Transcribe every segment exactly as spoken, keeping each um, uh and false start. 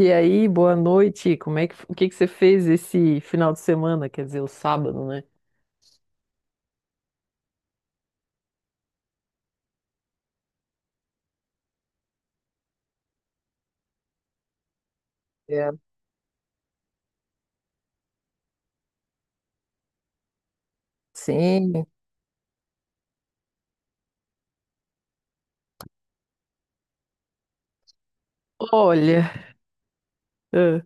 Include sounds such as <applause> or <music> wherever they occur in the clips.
E aí, boa noite. Como é que, o que que você fez esse final de semana? Quer dizer, o sábado, né? É. Sim. Olha. ah,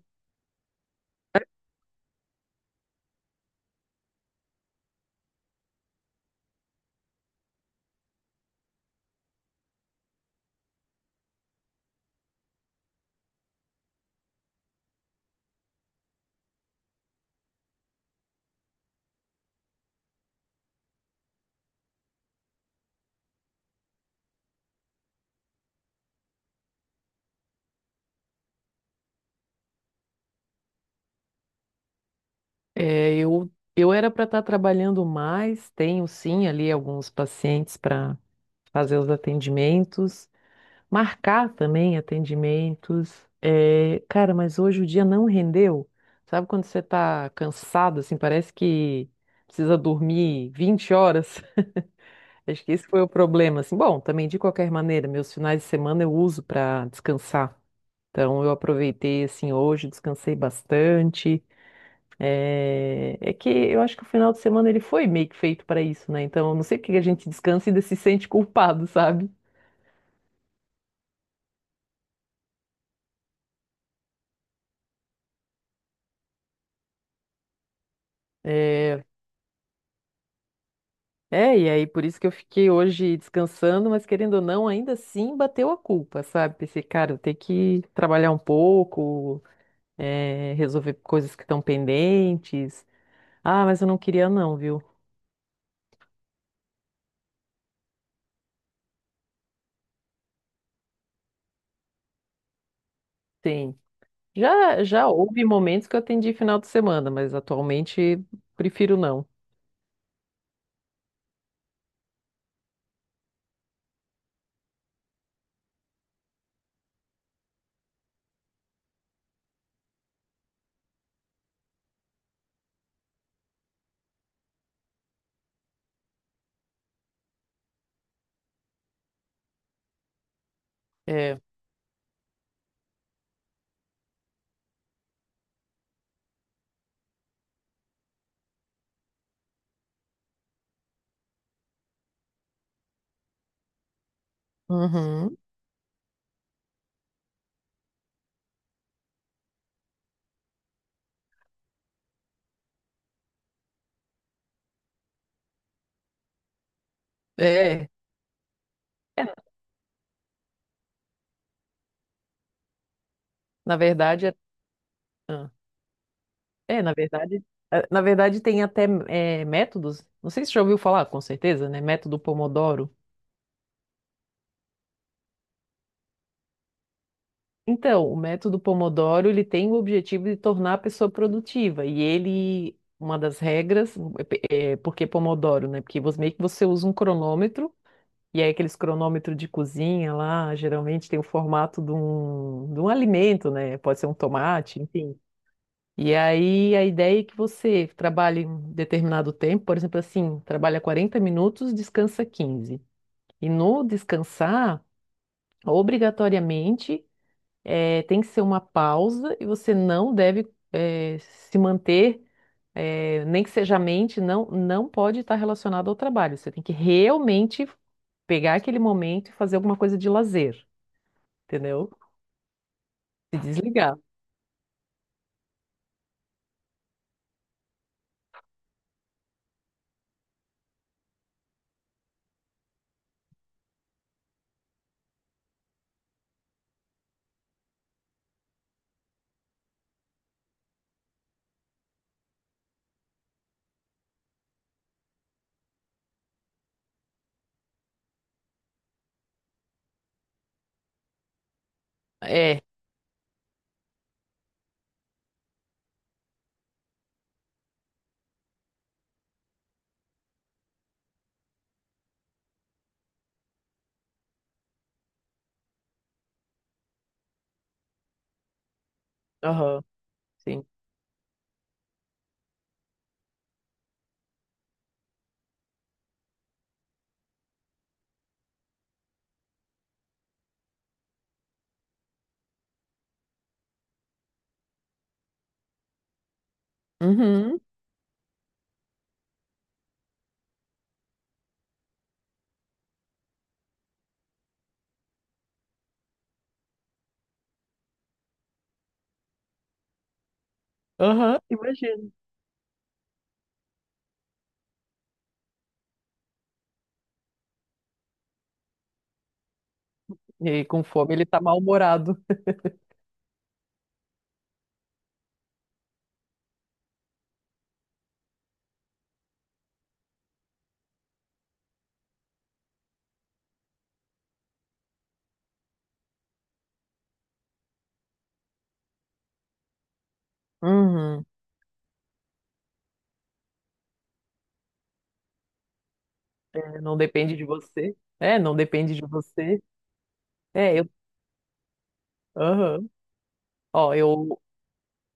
é, eu eu era para estar trabalhando mais. Tenho sim ali alguns pacientes para fazer os atendimentos, marcar também atendimentos. É, cara, mas hoje o dia não rendeu. Sabe quando você tá cansado, assim, parece que precisa dormir vinte horas? Acho que esse foi o problema, assim. Bom, também de qualquer maneira, meus finais de semana eu uso para descansar. Então eu aproveitei assim hoje, descansei bastante. É... é que eu acho que o final de semana ele foi meio que feito para isso, né? Então eu não sei porque a gente descansa e ainda se sente culpado, sabe? É... é, e aí por isso que eu fiquei hoje descansando, mas querendo ou não, ainda assim bateu a culpa, sabe? Pensei, cara, eu tenho que trabalhar um pouco, é, resolver coisas que estão pendentes. Ah, mas eu não queria não, viu? Sim. Já, já houve momentos que eu atendi final de semana, mas atualmente prefiro não. É. Uhum. É. Na verdade, é, ah, é, na verdade, é, na verdade tem até é, métodos. Não sei se você já ouviu falar, com certeza, né? Método Pomodoro. Então, o método Pomodoro, ele tem o objetivo de tornar a pessoa produtiva e ele uma das regras, é, é, porque Pomodoro, né? Porque você, meio que você usa um cronômetro. E aí aqueles cronômetros de cozinha lá, geralmente tem o formato de um, de um alimento, né? Pode ser um tomate, enfim. E aí a ideia é que você trabalhe um determinado tempo, por exemplo, assim, trabalha quarenta minutos, descansa quinze. E no descansar, obrigatoriamente, eh, tem que ser uma pausa e você não deve, eh, se manter é, nem que seja a mente, não, não pode estar relacionado ao trabalho. Você tem que realmente pegar aquele momento e fazer alguma coisa de lazer, entendeu? Se desligar. É, aham, sim. Uhum, aham, imagino. E aí, com fome, ele tá mal-humorado. Uhum. É, não depende de você. É, não depende de você. É, eu. Aham. Ó, eu,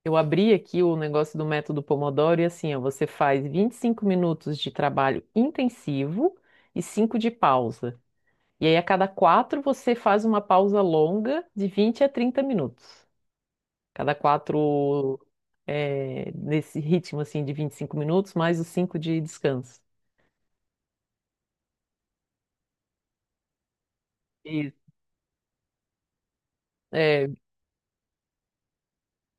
eu abri aqui o negócio do método Pomodoro e assim, ó, você faz vinte e cinco minutos de trabalho intensivo e cinco de pausa. E aí, a cada quatro, você faz uma pausa longa de vinte a trinta minutos. Cada quatro, é, nesse ritmo assim de vinte e cinco minutos, mais os cinco de descanso. Isso. É,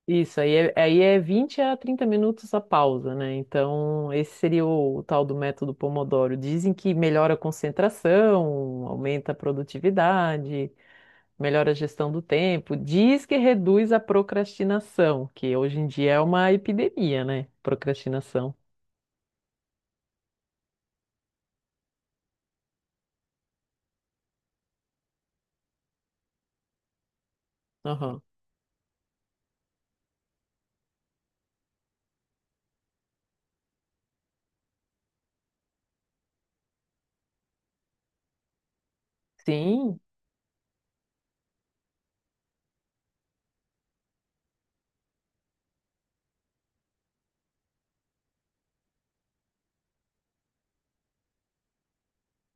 isso, aí é, aí é vinte a trinta minutos a pausa, né? Então, esse seria o, tal do método Pomodoro. Dizem que melhora a concentração, aumenta a produtividade, melhora a gestão do tempo, diz que reduz a procrastinação, que hoje em dia é uma epidemia, né? Procrastinação. Aham. Sim,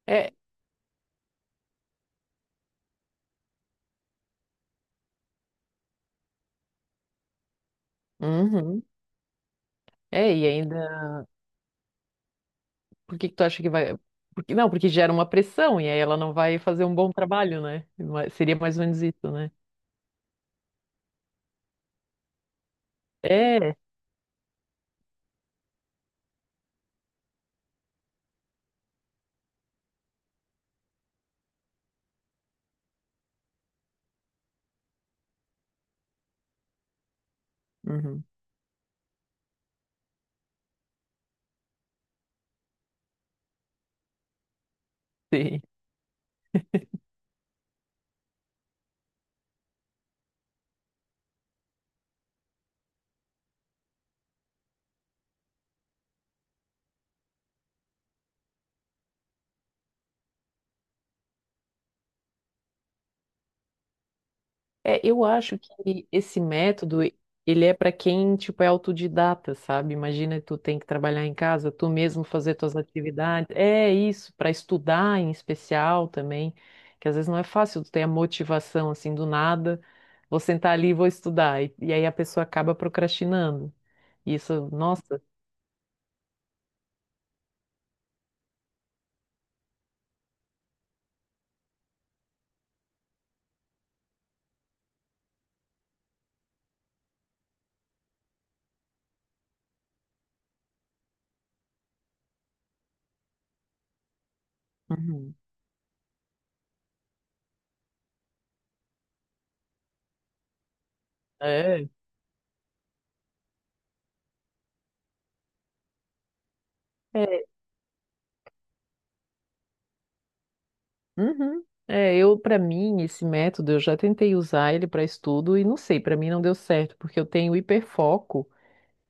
é. Uhum. É, e ainda. Por que que tu acha que vai. Porque, não, porque gera uma pressão, e aí ela não vai fazer um bom trabalho, né? Ma- seria mais ou menos isso, né? É. Uhum. Sim. É, eu acho que esse método, ele é para quem, tipo, é autodidata, sabe? Imagina tu tem que trabalhar em casa, tu mesmo fazer tuas atividades. É isso, para estudar em especial também, que às vezes não é fácil tu ter a motivação assim do nada, vou sentar ali e vou estudar. E, e aí a pessoa acaba procrastinando. Isso, nossa. Uhum. É. É. Uhum. É, eu para mim esse método eu já tentei usar ele para estudo e não sei, para mim não deu certo, porque eu tenho hiperfoco.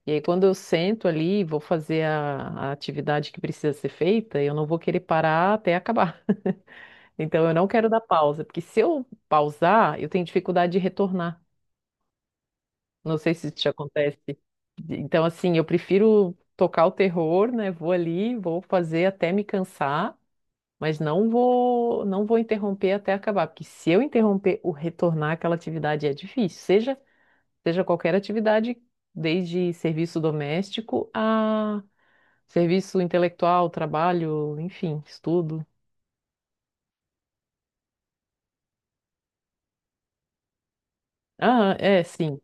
E aí, quando eu sento ali, e vou fazer a, a atividade que precisa ser feita, eu não vou querer parar até acabar. <laughs> Então, eu não quero dar pausa, porque se eu pausar, eu tenho dificuldade de retornar. Não sei se isso te acontece. Então, assim, eu prefiro tocar o terror, né? Vou ali, vou fazer até me cansar, mas não vou, não vou interromper até acabar, porque se eu interromper o retornar àquela atividade é difícil, seja, seja qualquer atividade, desde serviço doméstico a serviço intelectual, trabalho, enfim, estudo. Ah, é, sim.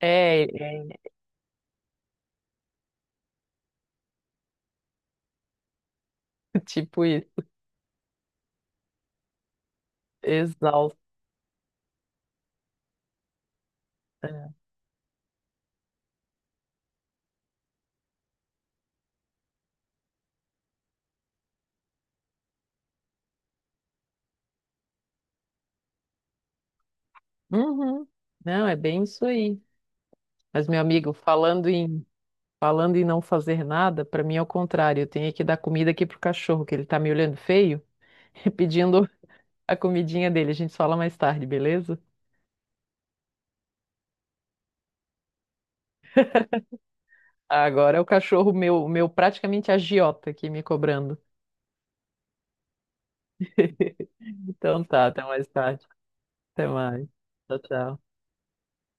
É, é <laughs> tipo isso. Exausto. Uhum. Não, é bem isso aí. Mas, meu amigo, falando em falando em não fazer nada, para mim é o contrário. Eu tenho que dar comida aqui pro cachorro, que ele tá me olhando feio, <laughs> pedindo a comidinha dele. A gente fala mais tarde, beleza? Agora é o cachorro meu, meu praticamente agiota aqui me cobrando. <laughs> Então tá, até mais tarde. Até mais. Tchau, tchau.